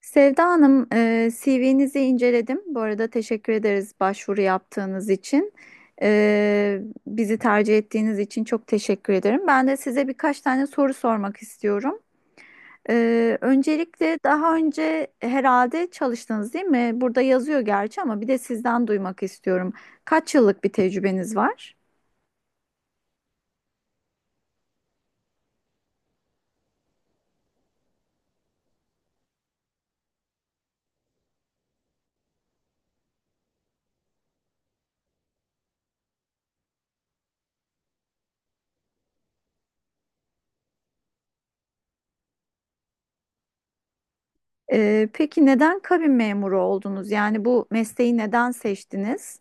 Sevda Hanım, CV'nizi inceledim. Bu arada teşekkür ederiz başvuru yaptığınız için. E, Bizi tercih ettiğiniz için çok teşekkür ederim. Ben de size birkaç tane soru sormak istiyorum. Öncelikle daha önce herhalde çalıştınız değil mi? Burada yazıyor gerçi ama bir de sizden duymak istiyorum. Kaç yıllık bir tecrübeniz var? Peki neden kabin memuru oldunuz? Yani bu mesleği neden seçtiniz?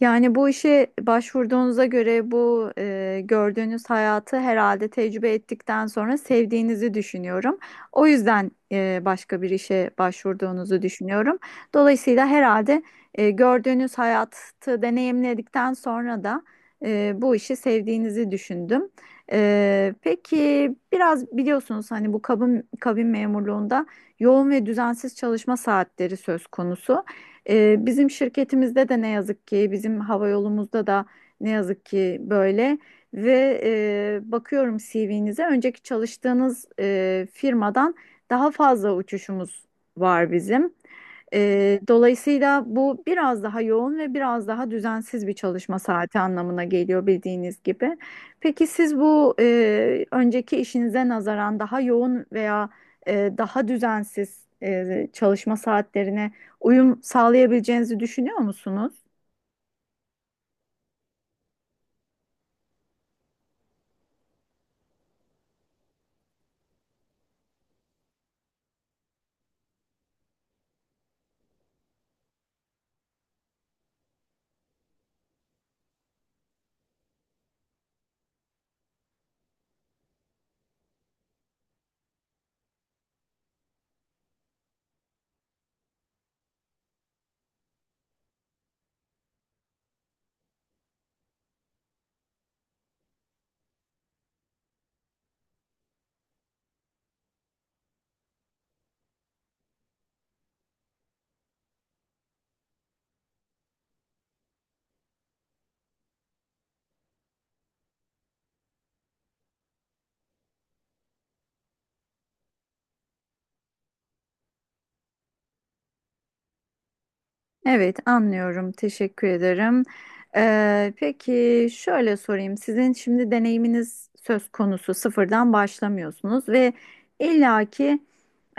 Yani bu işe başvurduğunuza göre bu gördüğünüz hayatı herhalde tecrübe ettikten sonra sevdiğinizi düşünüyorum. O yüzden başka bir işe başvurduğunuzu düşünüyorum. Dolayısıyla herhalde gördüğünüz hayatı deneyimledikten sonra da bu işi sevdiğinizi düşündüm. Peki biraz biliyorsunuz hani bu kabin memurluğunda yoğun ve düzensiz çalışma saatleri söz konusu. Bizim şirketimizde de ne yazık ki, bizim hava yolumuzda da ne yazık ki böyle ve bakıyorum CV'nize önceki çalıştığınız firmadan daha fazla uçuşumuz var bizim. Dolayısıyla bu biraz daha yoğun ve biraz daha düzensiz bir çalışma saati anlamına geliyor bildiğiniz gibi. Peki siz bu önceki işinize nazaran daha yoğun veya daha düzensiz çalışma saatlerine uyum sağlayabileceğinizi düşünüyor musunuz? Evet, anlıyorum. Teşekkür ederim. Peki şöyle sorayım. Sizin şimdi deneyiminiz söz konusu, sıfırdan başlamıyorsunuz ve illaki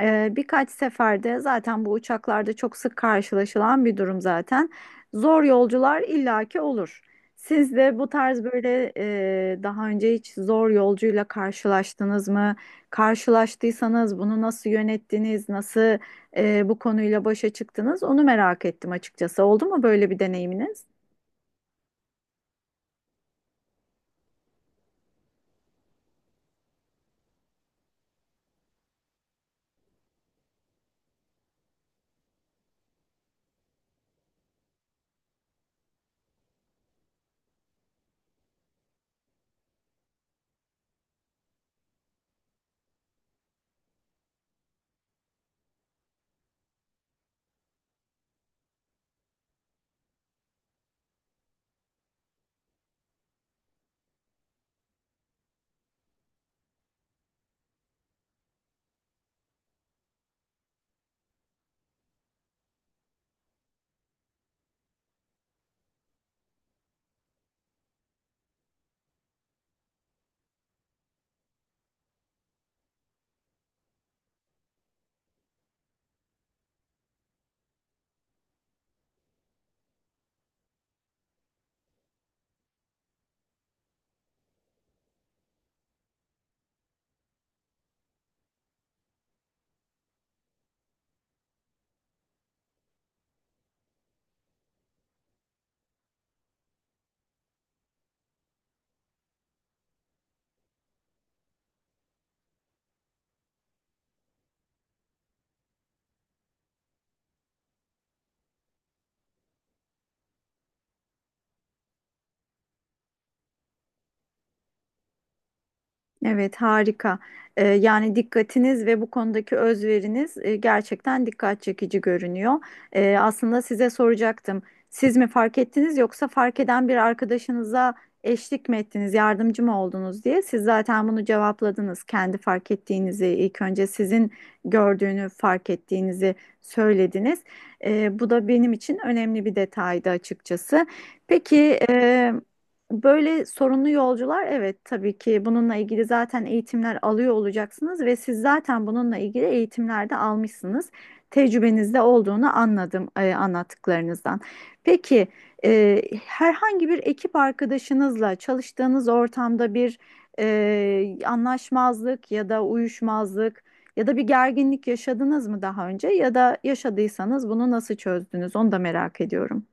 birkaç seferde zaten bu uçaklarda çok sık karşılaşılan bir durum zaten. Zor yolcular illaki olur. Siz de bu tarz böyle daha önce hiç zor yolcuyla karşılaştınız mı? Karşılaştıysanız bunu nasıl yönettiniz? Nasıl bu konuyla başa çıktınız? Onu merak ettim açıkçası. Oldu mu böyle bir deneyiminiz? Evet, harika. Yani dikkatiniz ve bu konudaki özveriniz gerçekten dikkat çekici görünüyor. Aslında size soracaktım. Siz mi fark ettiniz yoksa fark eden bir arkadaşınıza eşlik mi ettiniz, yardımcı mı oldunuz diye. Siz zaten bunu cevapladınız. Kendi fark ettiğinizi, ilk önce sizin gördüğünü fark ettiğinizi söylediniz. Bu da benim için önemli bir detaydı açıkçası. Peki, böyle sorunlu yolcular, evet, tabii ki bununla ilgili zaten eğitimler alıyor olacaksınız ve siz zaten bununla ilgili eğitimler de almışsınız. Tecrübenizde olduğunu anladım anlattıklarınızdan. Peki herhangi bir ekip arkadaşınızla çalıştığınız ortamda bir anlaşmazlık ya da uyuşmazlık ya da bir gerginlik yaşadınız mı daha önce, ya da yaşadıysanız bunu nasıl çözdünüz, onu da merak ediyorum.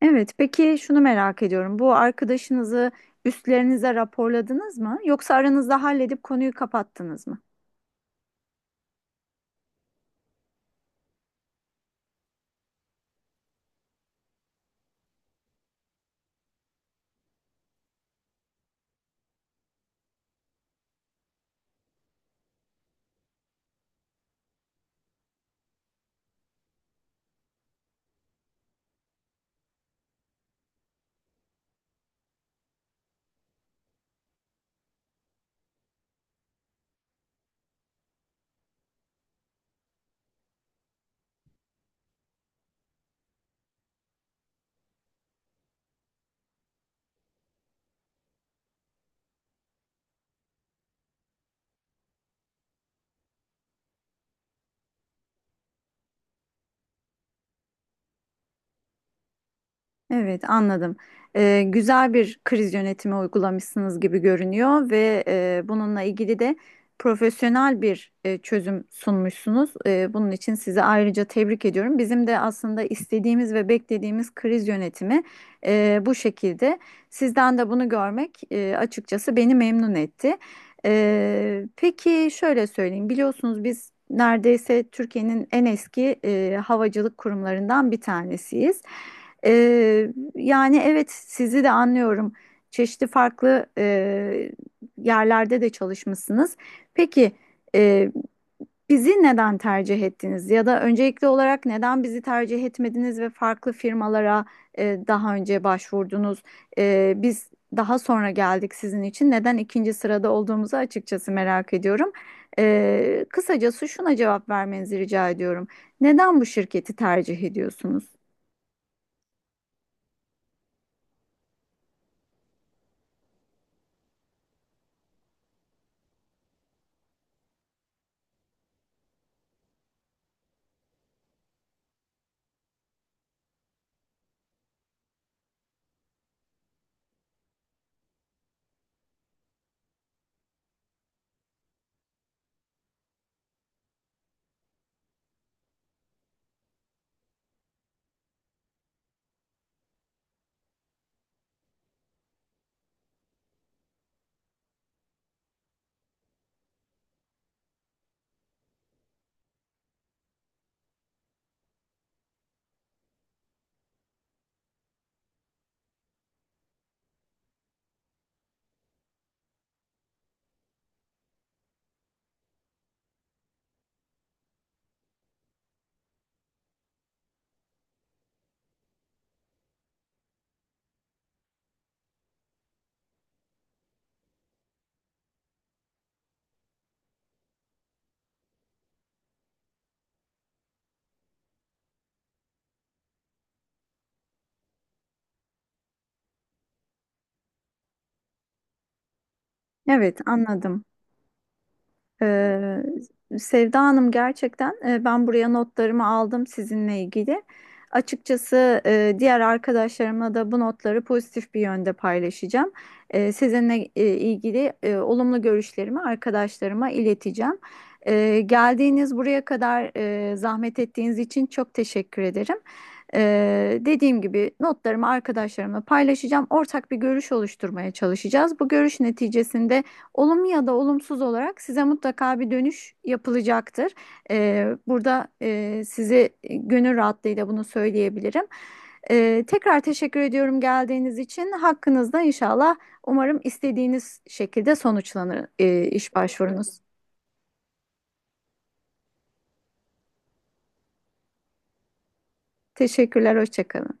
Evet, peki şunu merak ediyorum. Bu arkadaşınızı üstlerinize raporladınız mı? Yoksa aranızda halledip konuyu kapattınız mı? Evet, anladım. Güzel bir kriz yönetimi uygulamışsınız gibi görünüyor ve bununla ilgili de profesyonel bir çözüm sunmuşsunuz. Bunun için sizi ayrıca tebrik ediyorum. Bizim de aslında istediğimiz ve beklediğimiz kriz yönetimi bu şekilde. Sizden de bunu görmek açıkçası beni memnun etti. Peki şöyle söyleyeyim, biliyorsunuz biz neredeyse Türkiye'nin en eski havacılık kurumlarından bir tanesiyiz. Yani evet, sizi de anlıyorum. Çeşitli farklı yerlerde de çalışmışsınız. Peki e, bizi neden tercih ettiniz? Ya da öncelikli olarak neden bizi tercih etmediniz ve farklı firmalara daha önce başvurdunuz? Biz daha sonra geldik sizin için. Neden ikinci sırada olduğumuzu açıkçası merak ediyorum. Kısacası şuna cevap vermenizi rica ediyorum. Neden bu şirketi tercih ediyorsunuz? Evet, anladım. Ee, Sevda Hanım, gerçekten ben buraya notlarımı aldım sizinle ilgili. Açıkçası diğer arkadaşlarımla da bu notları pozitif bir yönde paylaşacağım. Sizinle ilgili olumlu görüşlerimi arkadaşlarıma ileteceğim. Geldiğiniz buraya kadar zahmet ettiğiniz için çok teşekkür ederim. Dediğim gibi notlarımı arkadaşlarımla paylaşacağım. Ortak bir görüş oluşturmaya çalışacağız. Bu görüş neticesinde olumlu ya da olumsuz olarak size mutlaka bir dönüş yapılacaktır. Burada size gönül rahatlığıyla bunu söyleyebilirim. Tekrar teşekkür ediyorum geldiğiniz için. Hakkınızda inşallah umarım istediğiniz şekilde sonuçlanır iş başvurunuz. Teşekkürler, hoşça kalın.